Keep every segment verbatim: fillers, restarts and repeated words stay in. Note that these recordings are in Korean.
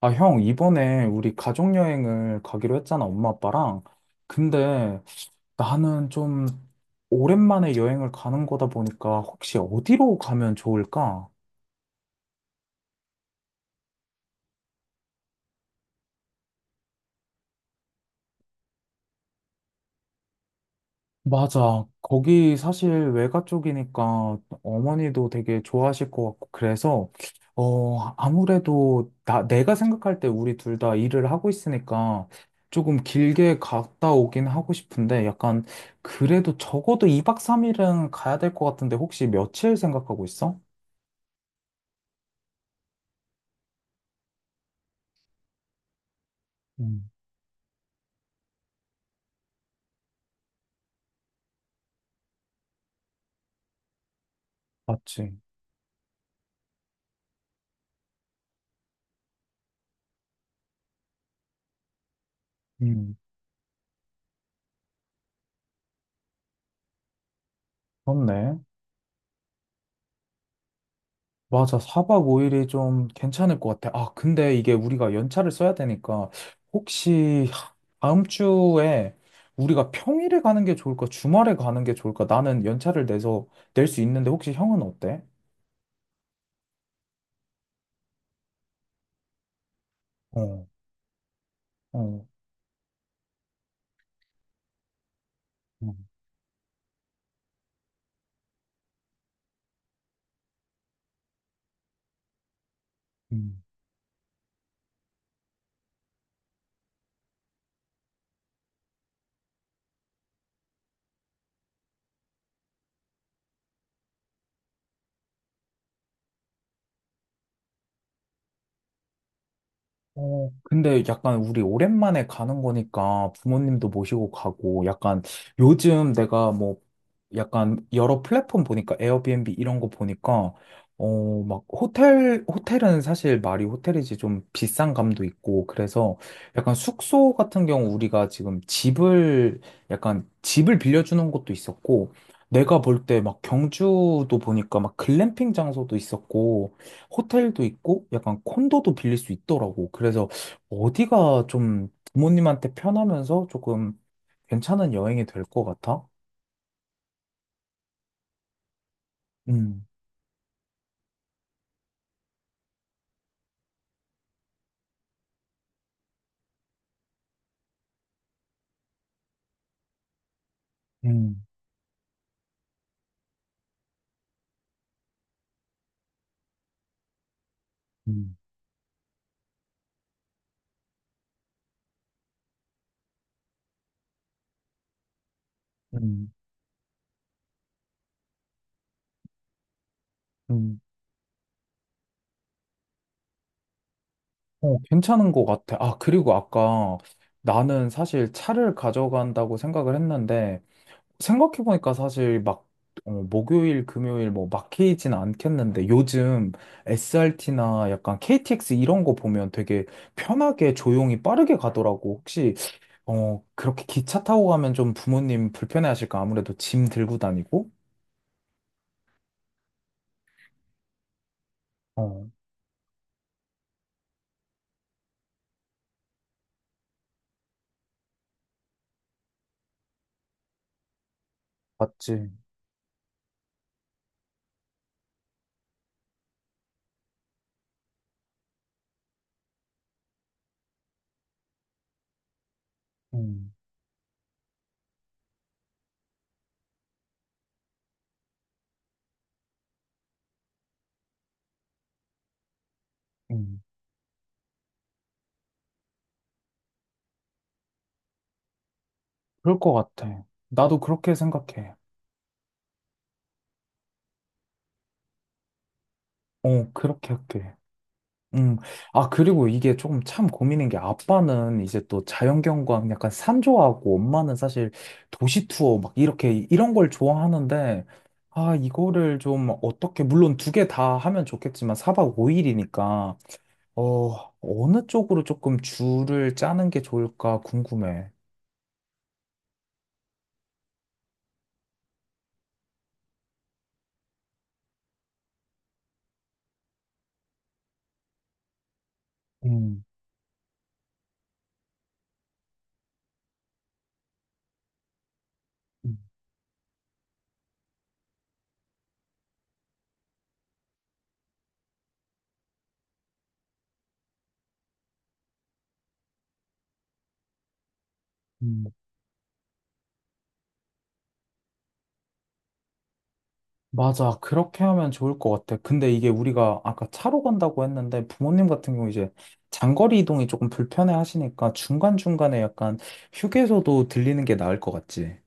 아, 형, 이번에 우리 가족여행을 가기로 했잖아, 엄마, 아빠랑. 근데 나는 좀 오랜만에 여행을 가는 거다 보니까 혹시 어디로 가면 좋을까? 맞아. 거기 사실 외가 쪽이니까 어머니도 되게 좋아하실 것 같고, 그래서, 어, 아무래도 나, 내가 생각할 때 우리 둘 다 일을 하고 있으니까 조금 길게 갔다 오긴 하고 싶은데, 약간, 그래도 적어도 이 박 삼 일은 가야 될 것 같은데, 혹시 며칠 생각하고 있어? 음, 맞지. 음, 그렇네. 맞아. 사 박 오 일이 좀 괜찮을 것 같아. 아, 근데 이게 우리가 연차를 써야 되니까 혹시 다음 주에 우리가 평일에 가는 게 좋을까? 주말에 가는 게 좋을까? 나는 연차를 내서 낼 수 있는데 혹시 형은 어때? 어, 어. 음. 어, 근데 약간 우리 오랜만에 가는 거니까 부모님도 모시고 가고 약간 요즘 내가 뭐 약간 여러 플랫폼 보니까 에어비앤비 이런 거 보니까 어, 막 호텔, 호텔은 사실 말이 호텔이지 좀 비싼 감도 있고 그래서 약간 숙소 같은 경우 우리가 지금 집을 약간 집을 빌려주는 것도 있었고 내가 볼 때 막 경주도 보니까 막 글램핑 장소도 있었고 호텔도 있고 약간 콘도도 빌릴 수 있더라고. 그래서 어디가 좀 부모님한테 편하면서 조금 괜찮은 여행이 될 것 같아? 음, 음, 음, 음, 음. 어, 괜찮은 것 같아. 아, 그리고 아까 나는 사실 차를 가져간다고 생각을 했는데 생각해보니까 사실 막 어, 목요일, 금요일 뭐 막히진 않겠는데 요즘 에스알티나 약간 케이티엑스 이런 거 보면 되게 편하게 조용히 빠르게 가더라고. 혹시 어, 그렇게 기차 타고 가면 좀 부모님 불편해하실까? 아무래도 짐 들고 다니고? 어, 맞지. 음, 음. 그럴 것 같아. 나도 그렇게 생각해. 어, 그렇게 할게. 음, 아, 그리고 이게 조금 참 고민인 게 아빠는 이제 또 자연경관 약간 산 좋아하고 엄마는 사실 도시 투어 막 이렇게 이런 걸 좋아하는데 아, 이거를 좀 어떻게, 물론 두 개 다 하면 좋겠지만 사 박 오 일이니까 어, 어느 쪽으로 조금 줄을 짜는 게 좋을까 궁금해. 음, 음. 맞아. 그렇게 하면 좋을 것 같아. 근데 이게 우리가 아까 차로 간다고 했는데 부모님 같은 경우 이제 장거리 이동이 조금 불편해 하시니까 중간중간에 약간 휴게소도 들리는 게 나을 것 같지.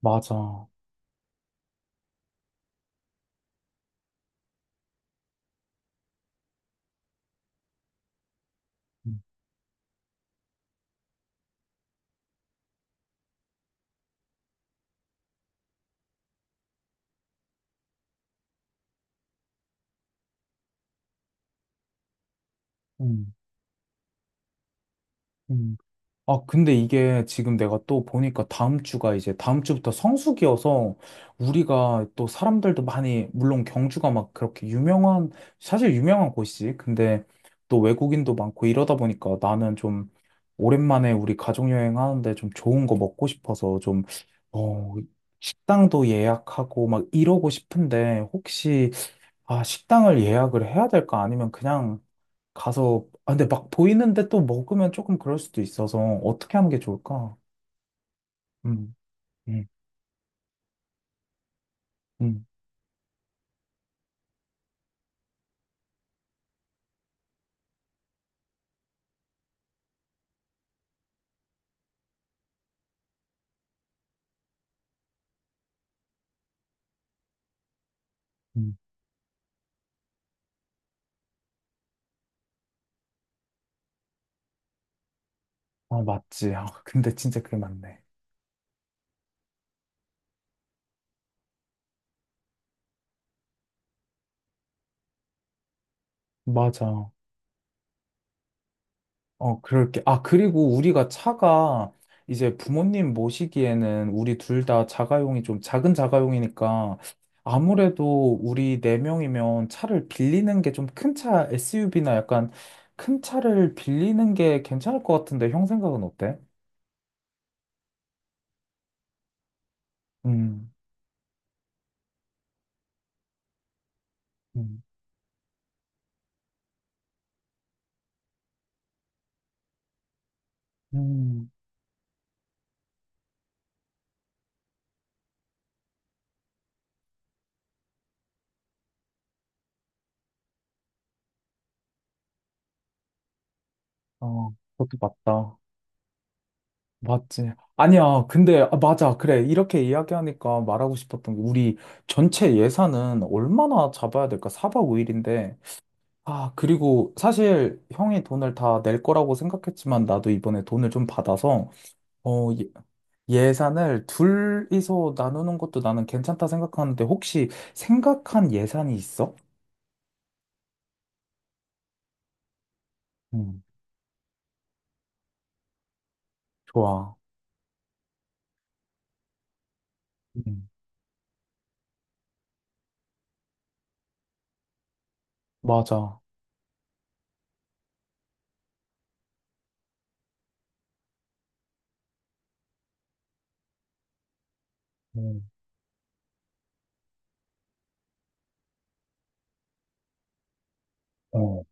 맞아. 음, 음. 아, 근데 이게 지금 내가 또 보니까 다음 주가 이제 다음 주부터 성수기여서 우리가 또 사람들도 많이, 물론 경주가 막 그렇게 유명한, 사실 유명한 곳이지. 근데 또 외국인도 많고 이러다 보니까 나는 좀 오랜만에 우리 가족여행 하는데 좀 좋은 거 먹고 싶어서 좀, 어, 식당도 예약하고 막 이러고 싶은데 혹시, 아, 식당을 예약을 해야 될까? 아니면 그냥 가서, 아, 근데 막 보이는데 또 먹으면 조금 그럴 수도 있어서 어떻게 하는 게 좋을까? 음, 음, 음, 음. 아, 맞지. 아, 근데 진짜 그게 맞네. 맞아. 어, 그럴게. 아, 그리고 우리가 차가 이제 부모님 모시기에는 우리 둘 다 자가용이 좀 작은 자가용이니까 아무래도 우리 네 명이면 차를 빌리는 게 좀 큰 차, 에스유브이나 약간 큰 차를 빌리는 게 괜찮을 것 같은데 형 생각은 어때? 음, 음, 음. 어, 그것도 맞다. 맞지. 아니야. 근데, 아, 맞아. 그래. 이렇게 이야기하니까 말하고 싶었던 게, 우리 전체 예산은 얼마나 잡아야 될까? 사 박 오 일인데. 아, 그리고 사실 형이 돈을 다 낼 거라고 생각했지만, 나도 이번에 돈을 좀 받아서, 어, 예- 예산을 둘이서 나누는 것도 나는 괜찮다 생각하는데, 혹시 생각한 예산이 있어? 음, 좋아. 음, 맞아. 음, 어.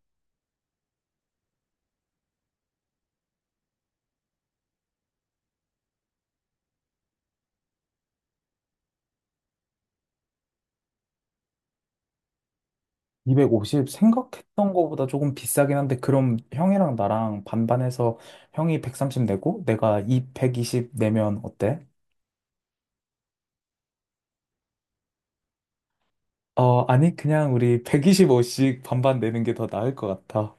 이백오십 생각했던 거보다 조금 비싸긴 한데 그럼 형이랑 나랑 반반해서 형이 백삼십 내고 내가 이백이 십 내면 어때? 어, 아니 그냥 우리 백이십오씩 반반 내는 게 더 나을 것 같아.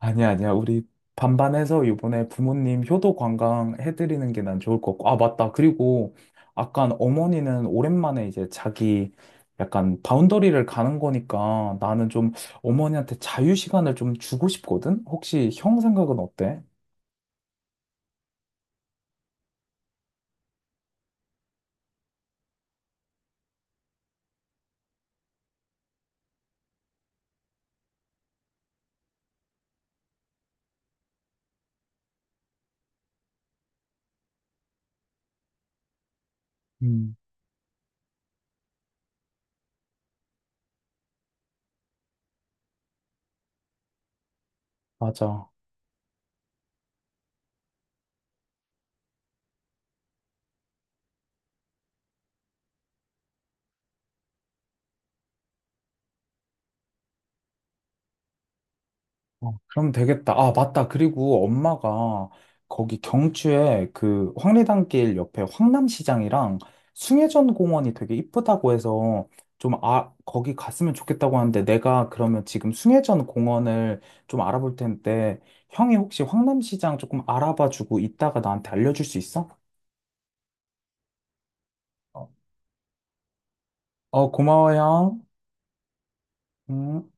아니야, 아니야. 우리 반반해서 이번에 부모님 효도 관광 해드리는 게 난 좋을 것 같고. 아, 맞다. 그리고 약간 어머니는 오랜만에 이제 자기 약간 바운더리를 가는 거니까 나는 좀 어머니한테 자유 시간을 좀 주고 싶거든? 혹시 형 생각은 어때? 음, 맞아. 어, 그럼 되겠다. 아, 맞다. 그리고 엄마가 거기 경주에 그 황리단길 옆에 황남시장이랑 숭례전 공원이 되게 이쁘다고 해서 좀 아, 거기 갔으면 좋겠다고 하는데 내가 그러면 지금 숭례전 공원을 좀 알아볼 텐데 형이 혹시 황남시장 조금 알아봐 주고 이따가 나한테 알려줄 수 있어? 어, 어, 고마워, 형. 음.